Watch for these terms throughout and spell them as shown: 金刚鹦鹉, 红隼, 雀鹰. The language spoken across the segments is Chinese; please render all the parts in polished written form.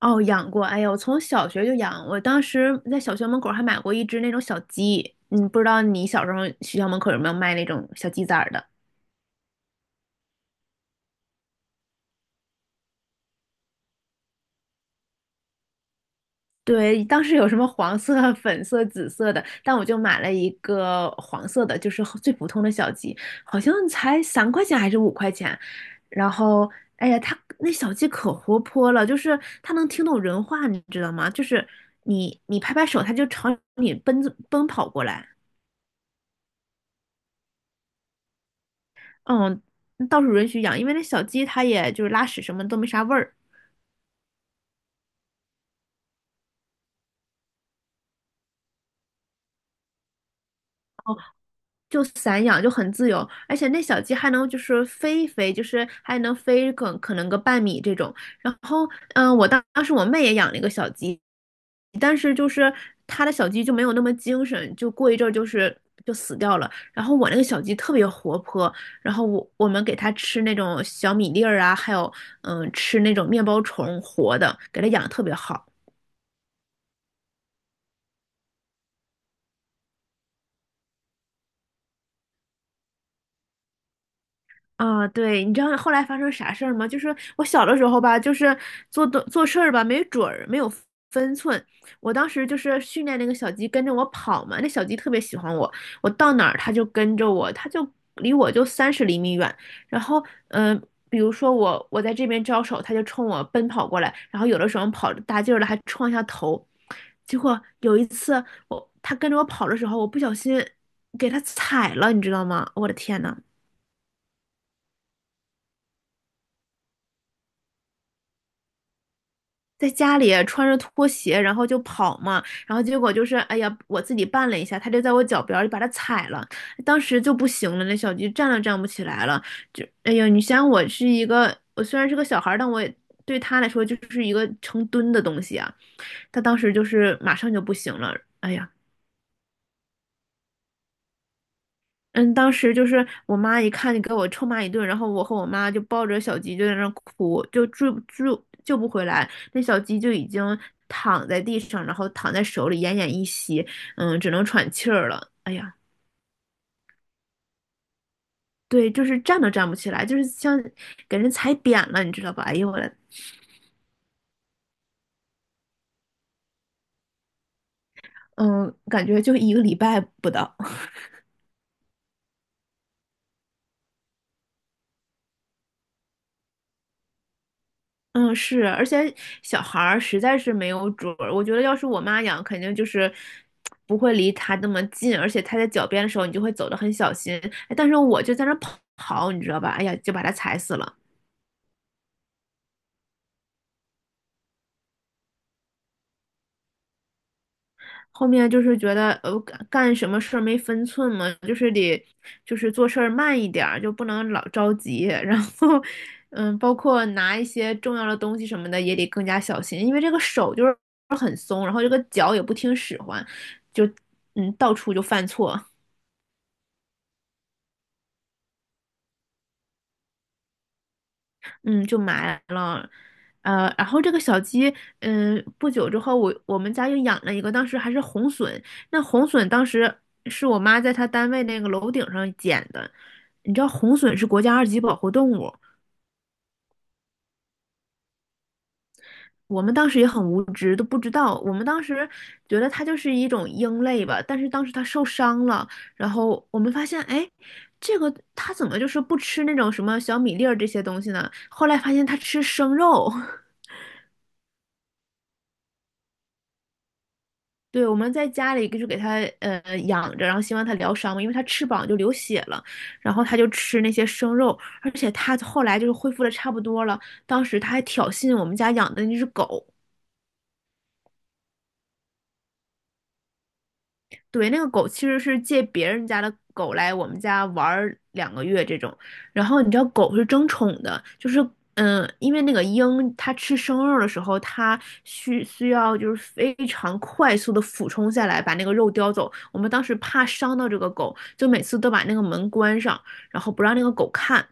哦，养过，哎呀，我从小学就养，我当时在小学门口还买过一只那种小鸡，不知道你小时候学校门口有没有卖那种小鸡崽儿的？对，当时有什么黄色、粉色、紫色的，但我就买了一个黄色的，就是最普通的小鸡，好像才3块钱还是5块钱。然后，哎呀，它那小鸡可活泼了，就是它能听懂人话，你知道吗？就是你拍拍手，它就朝你奔跑过来。嗯，倒是允许养，因为那小鸡它也就是拉屎什么都没啥味儿，就散养就很自由，而且那小鸡还能就是飞一飞，就是还能飞可能个半米这种。然后，我当时我妹也养了一个小鸡，但是就是她的小鸡就没有那么精神，就过一阵儿就是就死掉了。然后我那个小鸡特别活泼，然后我们给它吃那种小米粒儿啊，还有吃那种面包虫活的，给它养得特别好。啊，对，你知道后来发生啥事儿吗？就是我小的时候吧，就是做事儿吧，没准儿，没有分寸。我当时就是训练那个小鸡跟着我跑嘛，那小鸡特别喜欢我，我到哪儿它就跟着我，它就离我就30厘米远。然后，嗯、比如说我在这边招手，它就冲我奔跑过来，然后有的时候跑着大劲儿了还撞一下头。结果有一次它跟着我跑的时候，我不小心给它踩了，你知道吗？我的天呐！在家里啊穿着拖鞋，然后就跑嘛，然后结果就是，哎呀，我自己绊了一下，他就在我脚边儿就把它踩了，当时就不行了，那小鸡站都站不起来了，就，哎呀，你想我是一个，我虽然是个小孩儿，但我也对他来说就是一个成吨的东西啊，他当时就是马上就不行了，哎呀，嗯，当时就是我妈一看就给我臭骂一顿，然后我和我妈就抱着小鸡就在那儿哭，就救不回来，那小鸡就已经躺在地上，然后躺在手里奄奄一息，只能喘气儿了。哎呀，对，就是站都站不起来，就是像给人踩扁了，你知道吧？哎呦我的，嗯，感觉就一个礼拜不到。嗯，是，而且小孩儿实在是没有主儿。我觉得要是我妈养，肯定就是不会离他那么近，而且他在脚边的时候，你就会走得很小心。哎但是我就在那儿跑，你知道吧？哎呀，就把它踩死了。后面就是觉得干什么事儿没分寸嘛，就是得就是做事儿慢一点儿，就不能老着急。然后，包括拿一些重要的东西什么的也得更加小心，因为这个手就是很松，然后这个脚也不听使唤，就到处就犯错。嗯，就埋了，然后这个小鸡，不久之后我们家又养了一个，当时还是红隼。那红隼当时是我妈在她单位那个楼顶上捡的，你知道红隼是国家二级保护动物，我们当时也很无知，都不知道。我们当时觉得它就是一种鹰类吧，但是当时它受伤了，然后我们发现，哎，这个它怎么就是不吃那种什么小米粒儿这些东西呢？后来发现它吃生肉。对，我们在家里就给它养着，然后希望它疗伤嘛，因为它翅膀就流血了，然后它就吃那些生肉，而且它后来就是恢复的差不多了，当时它还挑衅我们家养的那只狗，对，那个狗其实是借别人家的狗来我们家玩儿2个月这种，然后你知道狗是争宠的，就是因为那个鹰它吃生肉的时候，它需要就是非常快速的俯冲下来把那个肉叼走。我们当时怕伤到这个狗，就每次都把那个门关上，然后不让那个狗看。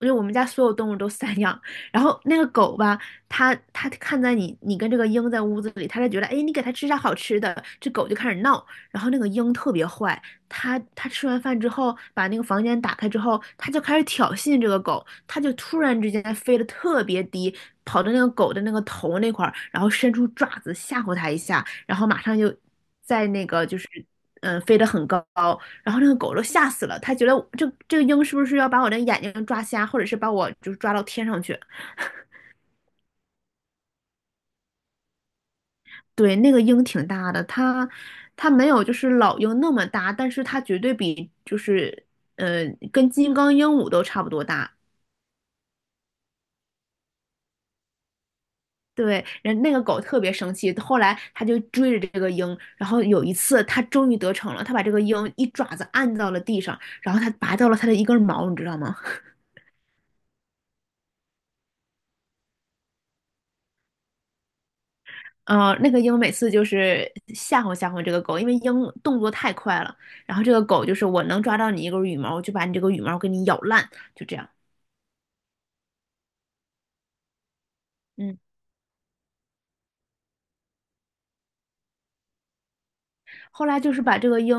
因为我们家所有动物都散养，然后那个狗吧，它看在你跟这个鹰在屋子里，它就觉得，哎，你给它吃啥好吃的，这狗就开始闹。然后那个鹰特别坏，它吃完饭之后，把那个房间打开之后，它就开始挑衅这个狗，它就突然之间飞得特别低，跑到那个狗的那个头那块儿，然后伸出爪子吓唬它一下，然后马上就在那个就是飞得很高，然后那个狗都吓死了，它觉得这个鹰是不是要把我的眼睛抓瞎，或者是把我就是抓到天上去？对，那个鹰挺大的，它没有就是老鹰那么大，但是它绝对比就是呃跟金刚鹦鹉都差不多大。对，人那个狗特别生气，后来它就追着这个鹰，然后有一次它终于得逞了，它把这个鹰一爪子按到了地上，然后它拔掉了它的一根毛，你知道吗？嗯，那个鹰每次就是吓唬吓唬这个狗，因为鹰动作太快了，然后这个狗就是我能抓到你一根羽毛，我就把你这个羽毛给你咬烂，就这样。嗯。后来就是把这个鹰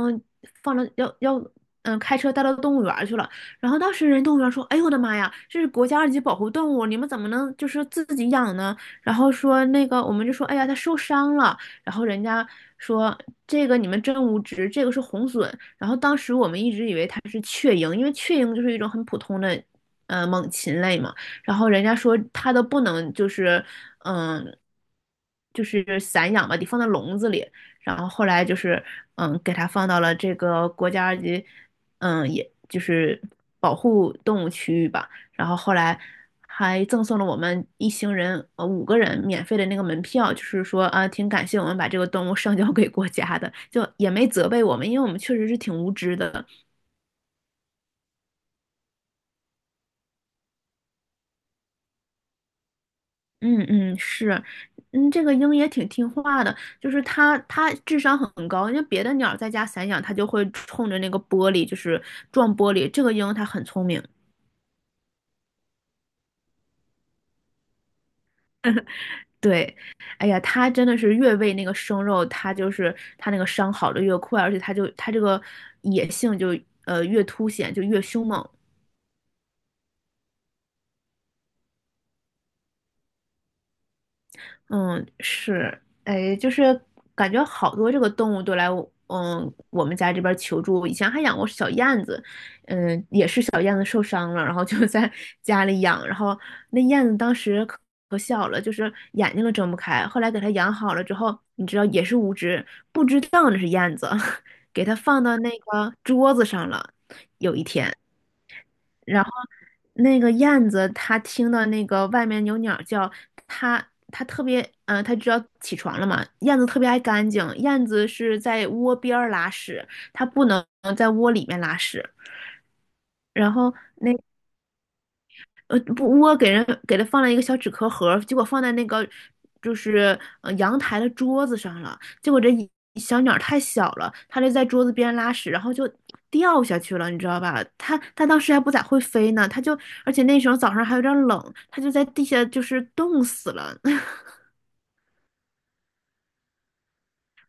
放到要要嗯开车带到动物园儿去了。然后当时人动物园说：“哎呦我的妈呀，这是国家二级保护动物，你们怎么能就是自己养呢？”然后说那个我们就说：“哎呀，它受伤了。”然后人家说：“这个你们真无知，这个是红隼。”然后当时我们一直以为它是雀鹰，因为雀鹰就是一种很普通的。猛禽类嘛，然后人家说它都不能就是，嗯，就是散养吧，得放在笼子里。然后后来就是给它放到了这个国家二级，也就是保护动物区域吧。然后后来还赠送了我们一行人五个人免费的那个门票，就是说啊，挺感谢我们把这个动物上交给国家的，就也没责备我们，因为我们确实是挺无知的。嗯嗯，是。嗯，这个鹰也挺听话的，就是它智商很高。因为别的鸟在家散养，它就会冲着那个玻璃，就是撞玻璃。这个鹰它很聪明。对，哎呀，他真的是越喂那个生肉，他就是他那个伤好的越快，而且他这个野性就越凸显，就越凶猛。嗯，是，哎，就是感觉好多这个动物都来我，我们家这边求助。以前还养过小燕子，也是小燕子受伤了，然后就在 家里养，然后那燕子当时可小了，就是眼睛都睁不开。后来给它养好了之后，你知道也是无知，不知道那是燕子，给它放到那个桌子上了。有一天。然后那个燕子，它听到那个外面有鸟叫，它特别，它知道起床了嘛。燕子特别爱干净，燕子是在窝边儿拉屎，它不能在窝里面拉屎。然后不，我给他放了一个小纸壳盒儿结果放在那个就是阳台的桌子上了。结果这一小鸟儿太小了，它就在桌子边拉屎，然后就掉下去了，你知道吧？它当时还不咋会飞呢，而且那时候早上还有点儿冷，它就在地下就是冻死了。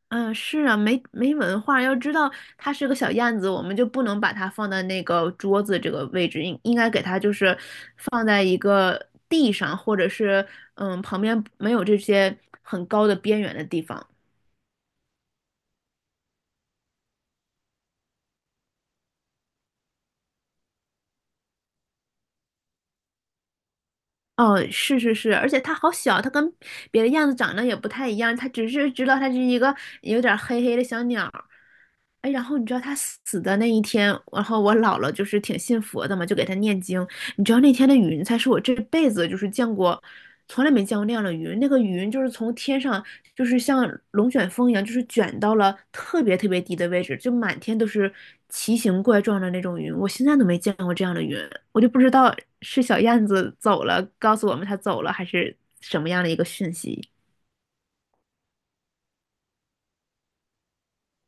嗯，是啊，没文化，要知道它是个小燕子，我们就不能把它放在那个桌子这个位置，应该给它就是放在一个地上，或者是旁边没有这些很高的边缘的地方。哦，是是是，而且它好小，它跟别的燕子长得也不太一样，它只是知道它是一个有点黑黑的小鸟，哎，然后你知道他死的那一天，然后我姥姥就是挺信佛的嘛，就给他念经。你知道那天的云彩是我这辈子就是见过，从来没见过那样的云。那个云就是从天上，就是像龙卷风一样，就是卷到了特别特别低的位置，就满天都是奇形怪状的那种云。我现在都没见过这样的云，我就不知道是小燕子走了，告诉我们它走了，还是什么样的一个讯息。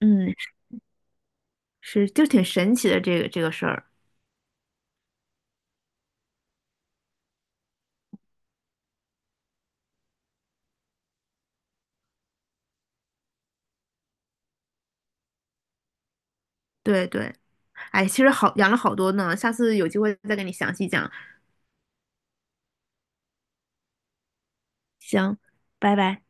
嗯，是，就挺神奇的这个事儿。对对。哎，其实好养了好多呢，下次有机会再跟你详细讲。行，拜拜。